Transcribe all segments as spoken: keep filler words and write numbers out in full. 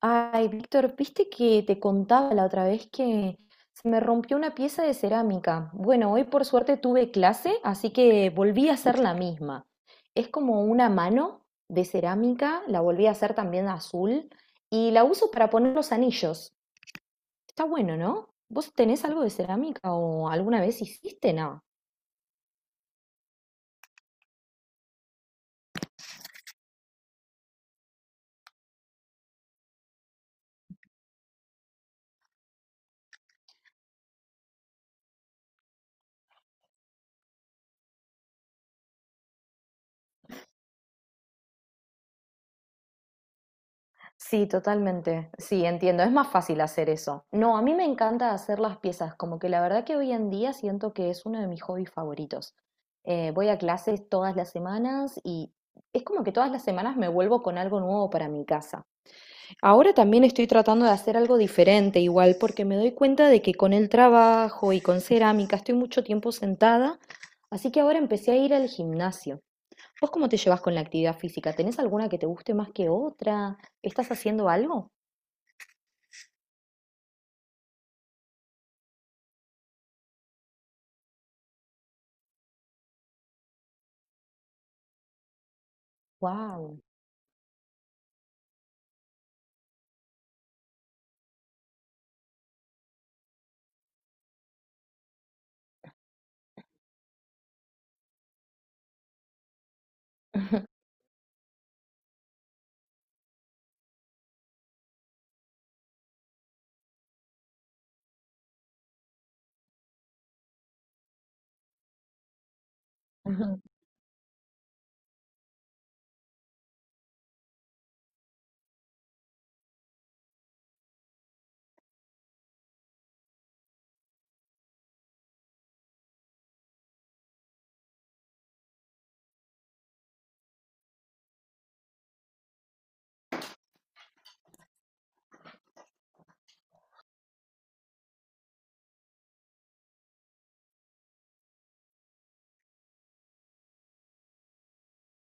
Ay, Víctor, viste que te contaba la otra vez que se me rompió una pieza de cerámica. Bueno, hoy por suerte tuve clase, así que volví a hacer la misma. Es como una mano de cerámica, la volví a hacer también azul y la uso para poner los anillos. Está bueno, ¿no? ¿Vos tenés algo de cerámica o alguna vez hiciste? No. Sí, totalmente. Sí, entiendo. Es más fácil hacer eso. No, a mí me encanta hacer las piezas. Como que la verdad que hoy en día siento que es uno de mis hobbies favoritos. Eh, voy a clases todas las semanas y es como que todas las semanas me vuelvo con algo nuevo para mi casa. Ahora también estoy tratando de hacer algo diferente, igual, porque me doy cuenta de que con el trabajo y con cerámica estoy mucho tiempo sentada, así que ahora empecé a ir al gimnasio. ¿Vos cómo te llevas con la actividad física? ¿Tenés alguna que te guste más que otra? ¿Estás haciendo algo? Wow.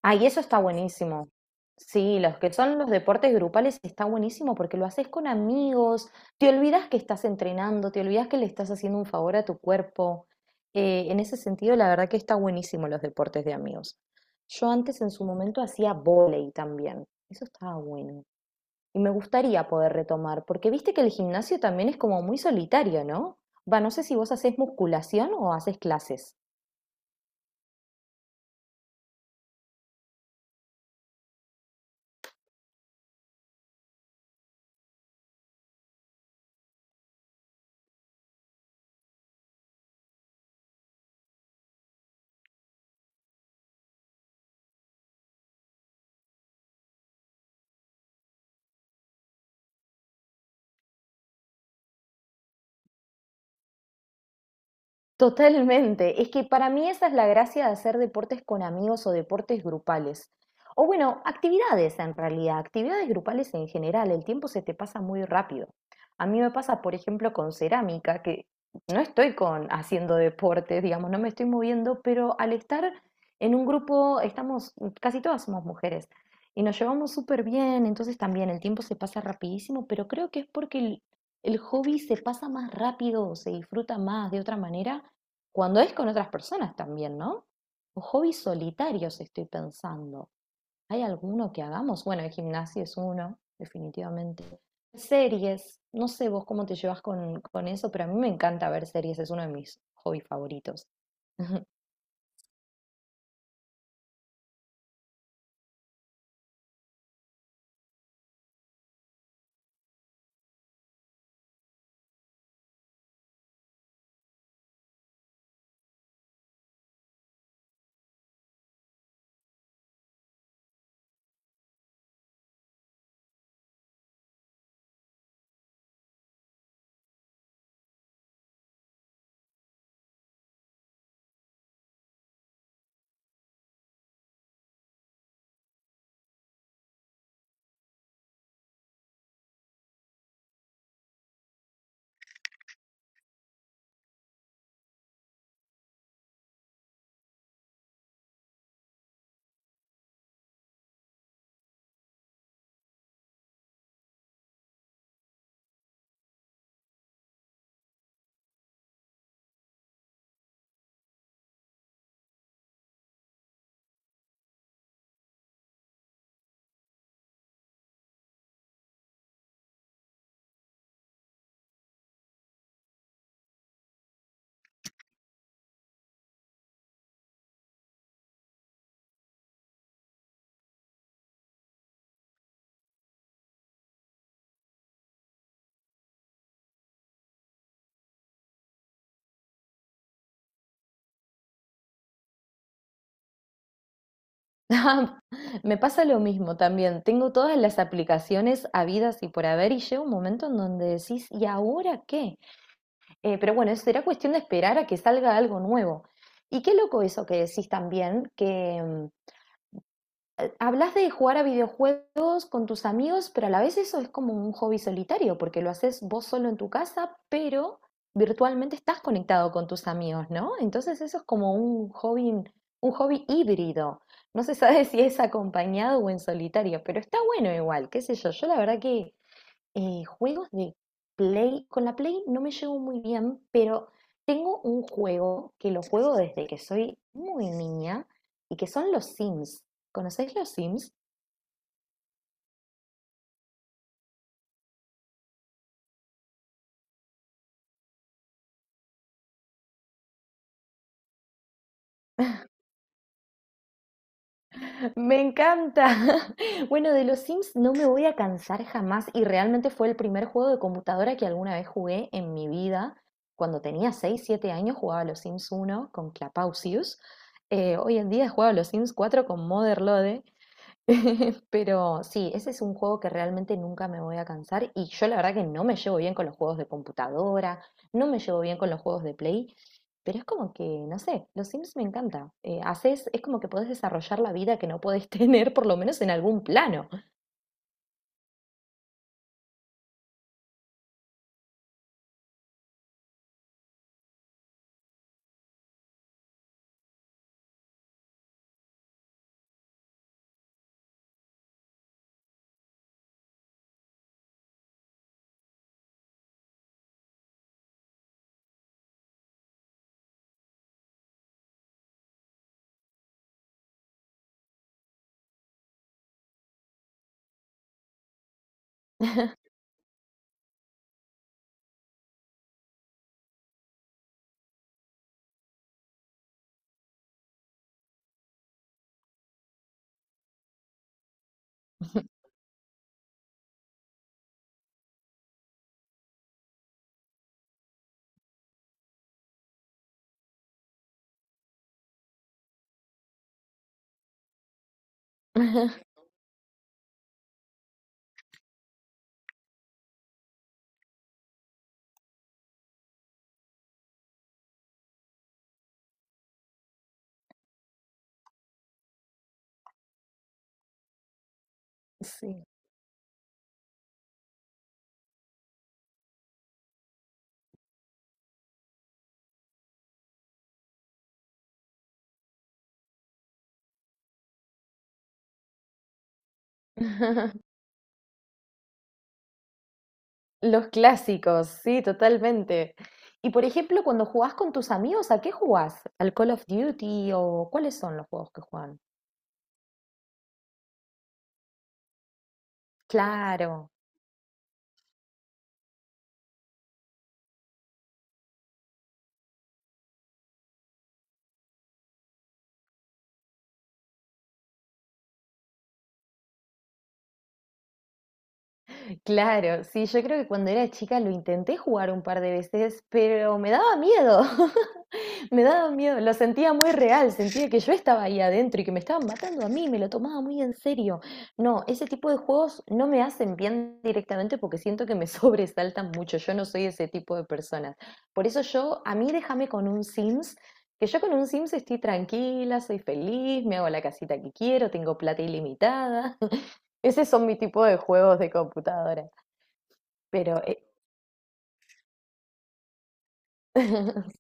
Ay, eso está buenísimo. Sí, los que son los deportes grupales está buenísimo porque lo haces con amigos, te olvidas que estás entrenando, te olvidas que le estás haciendo un favor a tu cuerpo. Eh, en ese sentido, la verdad que está buenísimo los deportes de amigos. Yo antes en su momento hacía vóley también. Eso estaba bueno. Y me gustaría poder retomar, porque viste que el gimnasio también es como muy solitario, ¿no? Va, no sé si vos haces musculación o haces clases. Totalmente. Es que para mí esa es la gracia de hacer deportes con amigos o deportes grupales. O bueno, actividades en realidad, actividades grupales en general. El tiempo se te pasa muy rápido. A mí me pasa, por ejemplo, con cerámica, que no estoy con haciendo deporte, digamos, no me estoy moviendo, pero al estar en un grupo, estamos, casi todas somos mujeres y nos llevamos súper bien, entonces también el tiempo se pasa rapidísimo, pero creo que es porque el, el hobby se pasa más rápido, se disfruta más de otra manera cuando es con otras personas también, ¿no? O hobbies solitarios estoy pensando. ¿Hay alguno que hagamos? Bueno, el gimnasio es uno, definitivamente. Series, no sé vos cómo te llevas con, con eso, pero a mí me encanta ver series, es uno de mis hobbies favoritos. Ah, me pasa lo mismo también. Tengo todas las aplicaciones habidas y por haber y llega un momento en donde decís, ¿y ahora qué? Eh, pero bueno, será cuestión de esperar a que salga algo nuevo. Y qué loco eso que decís también, que, mm, hablas de jugar a videojuegos con tus amigos, pero a la vez eso es como un hobby solitario, porque lo haces vos solo en tu casa, pero virtualmente estás conectado con tus amigos, ¿no? Entonces eso es como un hobby, un hobby híbrido. No se sabe si es acompañado o en solitario, pero está bueno igual, qué sé yo. Yo la verdad que eh, juegos de Play, con la Play no me llevo muy bien, pero tengo un juego que lo juego desde que soy muy niña y que son los Sims. ¿Conocéis los Sims? Me encanta. Bueno, de los Sims no me voy a cansar jamás y realmente fue el primer juego de computadora que alguna vez jugué en mi vida. Cuando tenía seis siete años jugaba a los Sims uno con Clapausius. Eh, hoy en día he jugado a los Sims cuatro con Motherlode. Pero sí, ese es un juego que realmente nunca me voy a cansar y yo la verdad que no me llevo bien con los juegos de computadora, no me llevo bien con los juegos de Play, pero es como que, no sé, los Sims me encanta. Eh, haces, es como que podés desarrollar la vida que no podés tener, por lo menos en algún plano. Sí. Los clásicos, sí, totalmente. Y por ejemplo, cuando jugás con tus amigos, ¿a qué jugás? ¿Al Call of Duty o cuáles son los juegos que juegan? Claro. Claro, sí, yo creo que cuando era chica lo intenté jugar un par de veces, pero me daba miedo, me daba miedo, lo sentía muy real, sentía que yo estaba ahí adentro y que me estaban matando a mí, me lo tomaba muy en serio. No, ese tipo de juegos no me hacen bien directamente porque siento que me sobresaltan mucho, yo no soy ese tipo de personas. Por eso yo, a mí déjame con un Sims, que yo con un Sims estoy tranquila, soy feliz, me hago la casita que quiero, tengo plata ilimitada. Ese son mi tipo de juegos de computadora. Pero, eh,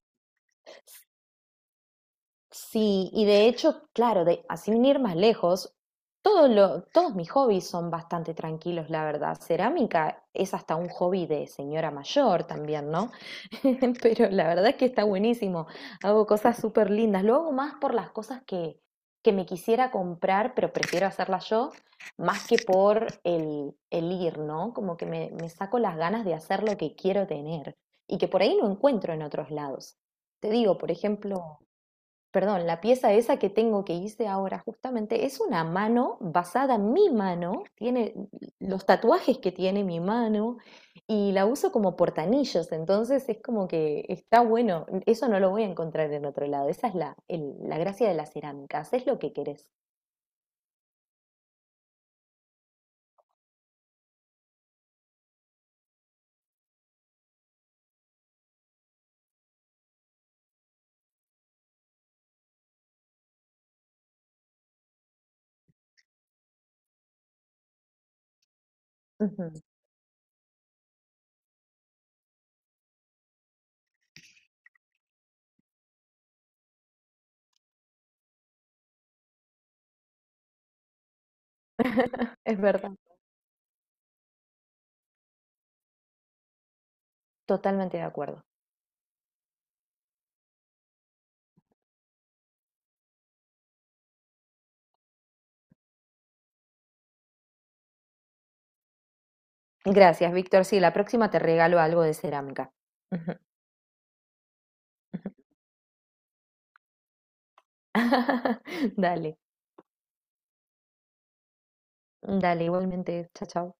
sí, y de hecho, claro, de, así sin ir más lejos, todo lo- todos mis hobbies son bastante tranquilos, la verdad. Cerámica es hasta un hobby de señora mayor también, ¿no? Pero la verdad es que está buenísimo. Hago cosas súper lindas. Lo hago más por las cosas que, que me quisiera comprar, pero prefiero hacerlas yo, más que por el, el ir, ¿no? Como que me, me saco las ganas de hacer lo que quiero tener y que por ahí no encuentro en otros lados. Te digo, por ejemplo perdón, la pieza esa que tengo que hice ahora justamente es una mano basada en mi mano, tiene los tatuajes que tiene mi mano y la uso como portanillos, entonces es como que está bueno, eso no lo voy a encontrar en otro lado, esa es la, el- la gracia de la cerámica, haces lo que querés. Ujú. Es verdad. Totalmente de acuerdo. Gracias, Víctor. Sí, la próxima te regalo algo de cerámica. Ujú, ujú. Dale, dale, igualmente, chao, chao.